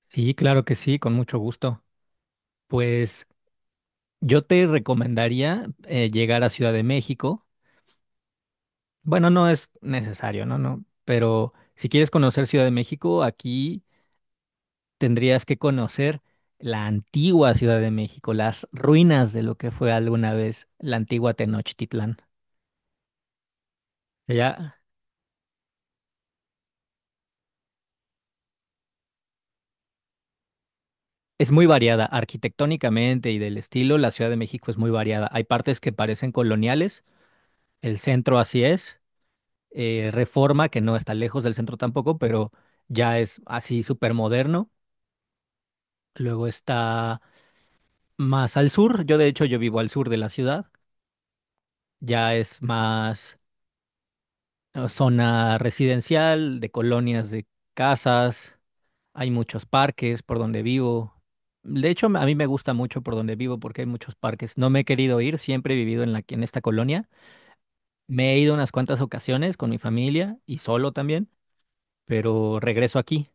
Sí, claro que sí, con mucho gusto. Pues yo te recomendaría llegar a Ciudad de México. Bueno, no es necesario, ¿no? No, pero si quieres conocer Ciudad de México, aquí tendrías que conocer la antigua Ciudad de México, las ruinas de lo que fue alguna vez la antigua Tenochtitlán. Ya es muy variada arquitectónicamente y del estilo, la Ciudad de México es muy variada. Hay partes que parecen coloniales, el centro así es Reforma, que no está lejos del centro tampoco, pero ya es así súper moderno. Luego está más al sur, yo de hecho yo vivo al sur de la ciudad, ya es más zona residencial, de colonias de casas, hay muchos parques por donde vivo. De hecho, a mí me gusta mucho por donde vivo porque hay muchos parques. No me he querido ir, siempre he vivido en la, en esta colonia. Me he ido unas cuantas ocasiones con mi familia y solo también, pero regreso aquí.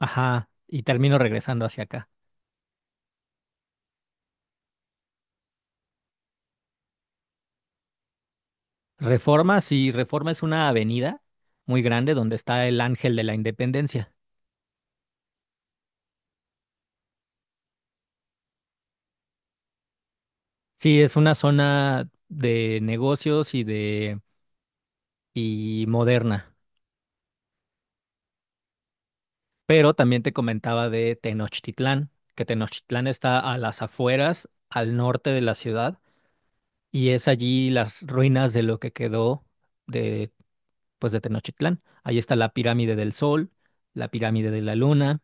Ajá, y termino regresando hacia acá. Reforma, sí, Reforma es una avenida muy grande donde está el Ángel de la Independencia. Sí, es una zona de negocios y de y moderna, pero también te comentaba de Tenochtitlán, que Tenochtitlán está a las afueras, al norte de la ciudad, y es allí las ruinas de lo que quedó de pues de Tenochtitlán. Ahí está la pirámide del Sol, la pirámide de la Luna.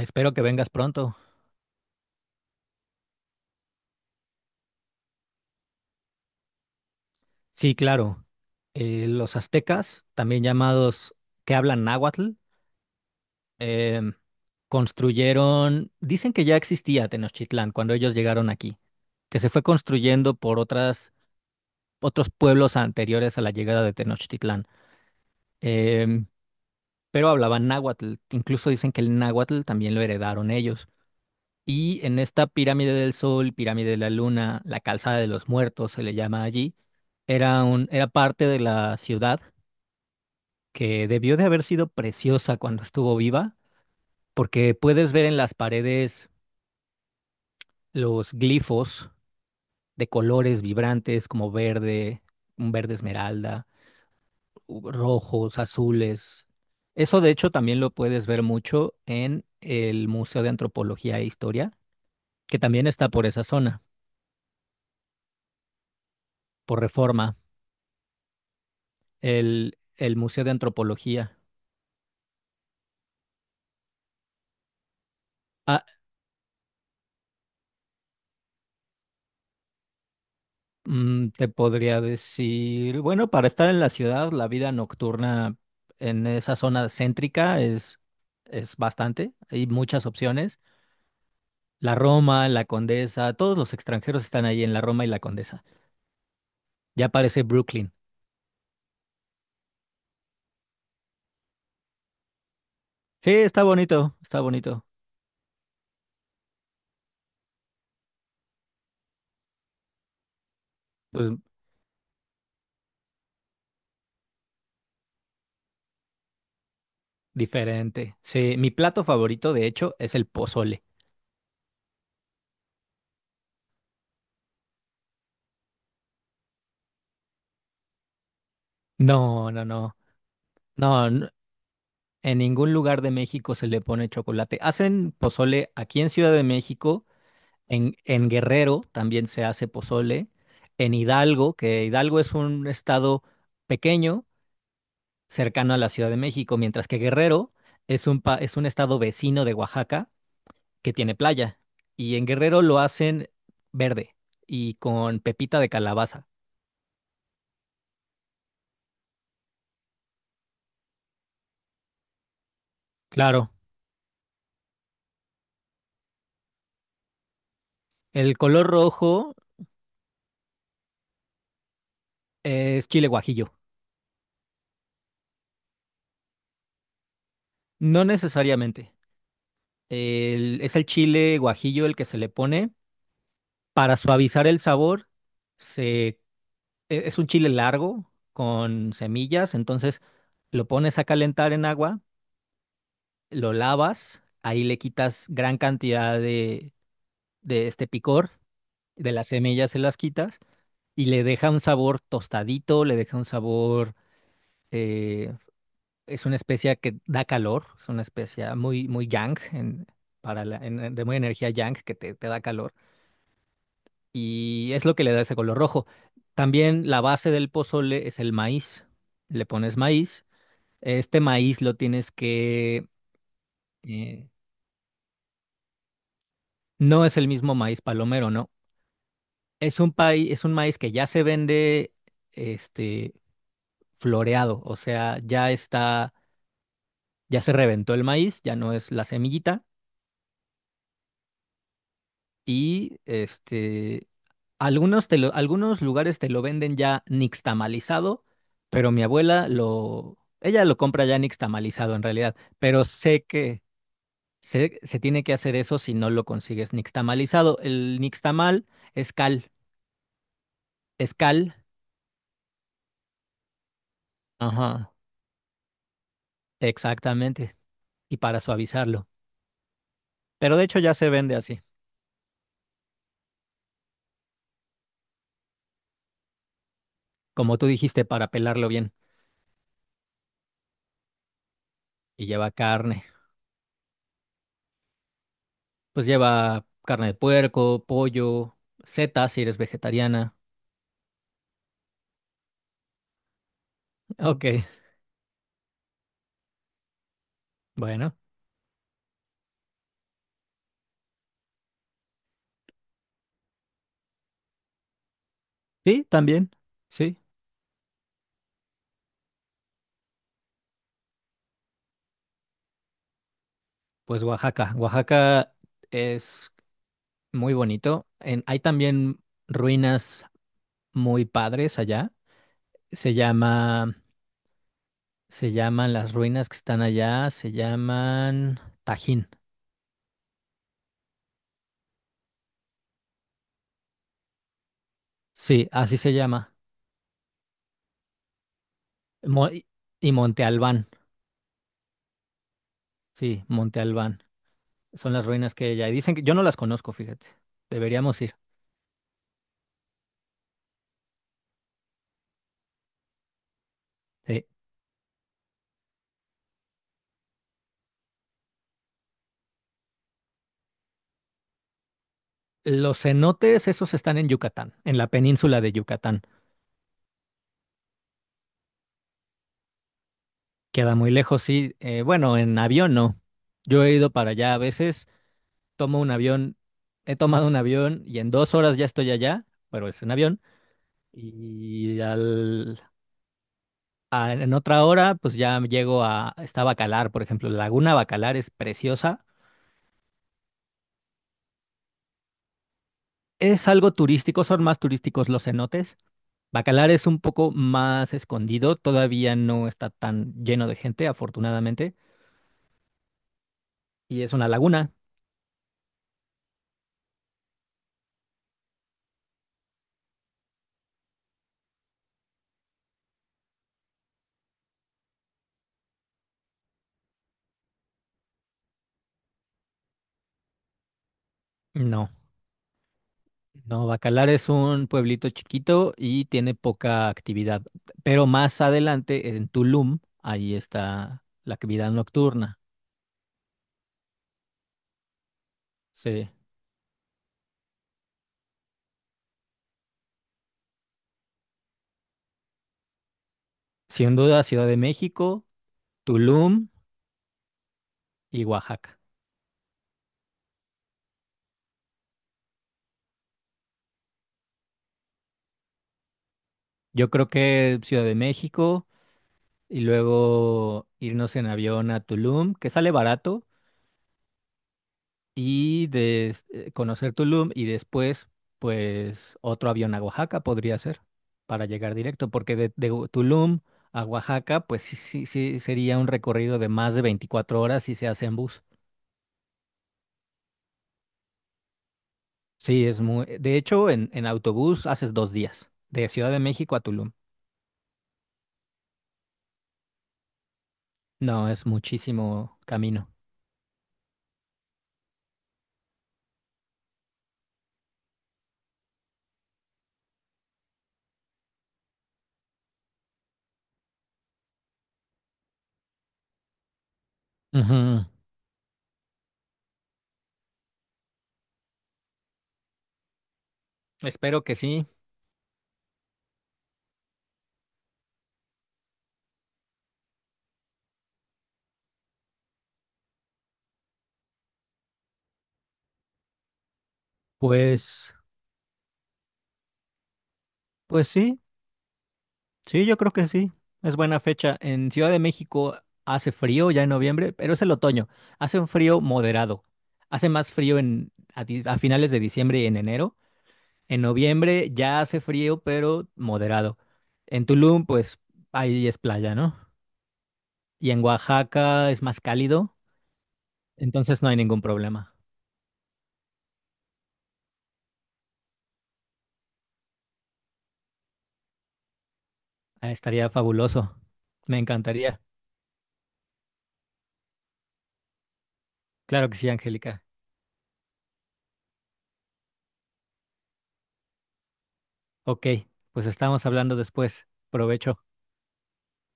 Espero que vengas pronto. Sí, claro. Los aztecas, también llamados que hablan náhuatl, em, construyeron, dicen que ya existía Tenochtitlán cuando ellos llegaron aquí, que se fue construyendo por otras, otros pueblos anteriores a la llegada de Tenochtitlán, Em, pero hablaban náhuatl, incluso dicen que el náhuatl también lo heredaron ellos. Y en esta pirámide del Sol, pirámide de la Luna, la calzada de los muertos se le llama allí, era un, era parte de la ciudad que debió de haber sido preciosa cuando estuvo viva, porque puedes ver en las paredes los glifos de colores vibrantes como verde, un verde esmeralda, rojos, azules. Eso de hecho también lo puedes ver mucho en el Museo de Antropología e Historia, que también está por esa zona, por Reforma, el Museo de Antropología. Ah, mm, te podría decir, bueno, para estar en la ciudad, la vida nocturna en esa zona céntrica es bastante. Hay muchas opciones. La Roma, la Condesa, todos los extranjeros están ahí en la Roma y la Condesa. Ya parece Brooklyn. Sí, está bonito, está bonito. Pues diferente. Sí, mi plato favorito, de hecho, es el pozole. No, no, no. No, en ningún lugar de México se le pone chocolate. Hacen pozole aquí en Ciudad de México. En Guerrero también se hace pozole. En Hidalgo, que Hidalgo es un estado pequeño, cercano a la Ciudad de México, mientras que Guerrero es un, es un estado vecino de Oaxaca que tiene playa. Y en Guerrero lo hacen verde y con pepita de calabaza. Claro, el color rojo es chile guajillo. No necesariamente. Es el chile guajillo el que se le pone para suavizar el sabor se es un chile largo con semillas, entonces lo pones a calentar en agua, lo lavas, ahí le quitas gran cantidad de este picor, de las semillas se las quitas y le deja un sabor tostadito, le deja un sabor, eh, es una especia que da calor, es una especia muy, muy yang, para de muy energía yang que te da calor y es lo que le da ese color rojo. También la base del pozole es el maíz. Le pones maíz. Este maíz lo tienes que... eh, no es el mismo maíz palomero, ¿no? Es un es un maíz que ya se vende este, floreado, o sea, ya está, ya se reventó el maíz, ya no es la semillita y este, algunos, algunos lugares te lo venden ya nixtamalizado, pero mi abuela lo... Ella lo compra ya nixtamalizado en realidad, pero sé que... Se tiene que hacer eso si no lo consigues nixtamalizado. El nixtamal es cal, es cal, ajá, exactamente, y para suavizarlo. Pero de hecho ya se vende así, como tú dijiste, para pelarlo bien. Y lleva carne, pues lleva carne de puerco, pollo, setas si eres vegetariana. Ok, bueno, sí, también, sí. Pues Oaxaca, Oaxaca es muy bonito. Hay también ruinas muy padres allá. Se llama Se llaman las ruinas que están allá, se llaman Tajín. Sí, así se llama. Mo- y y Monte Albán. Sí, Monte Albán. Son las ruinas que hay allá. Y dicen que yo no las conozco, fíjate. Deberíamos ir. Sí. Los cenotes, esos están en Yucatán, en la península de Yucatán. Queda muy lejos, sí. Bueno, en avión no. Yo he ido para allá. A veces tomo un avión, he tomado un avión y en 2 horas ya estoy allá, pero es un avión. Y al ah, en otra hora, pues ya llego a, está Bacalar, por ejemplo. La Laguna Bacalar es preciosa. Es algo turístico, son más turísticos los cenotes. Bacalar es un poco más escondido, todavía no está tan lleno de gente, afortunadamente. Y es una laguna. No, no, Bacalar es un pueblito chiquito y tiene poca actividad. Pero más adelante, en Tulum, ahí está la actividad nocturna. Sí, sin duda, Ciudad de México, Tulum y Oaxaca. Yo creo que Ciudad de México y luego irnos en avión a Tulum, que sale barato, y de conocer Tulum y después, pues otro avión a Oaxaca podría ser para llegar directo, porque de Tulum a Oaxaca, pues sí, sí, sí sería un recorrido de más de 24 horas si se hace en bus. Sí, es muy... De hecho, en autobús haces 2 días, de Ciudad de México a Tulum. No, es muchísimo camino. Ujú. Espero que sí. Pues... Pues sí, sí, yo creo que sí. Es buena fecha. En Ciudad de México hace frío ya en noviembre, pero es el otoño. Hace un frío moderado. Hace más frío en, a, a finales de diciembre y en enero. En noviembre ya hace frío, pero moderado. En Tulum, pues ahí es playa, ¿no? Y en Oaxaca es más cálido, entonces no hay ningún problema. Ah, estaría fabuloso. Me encantaría. Claro que sí, Angélica. Ok, pues estamos hablando después. Provecho.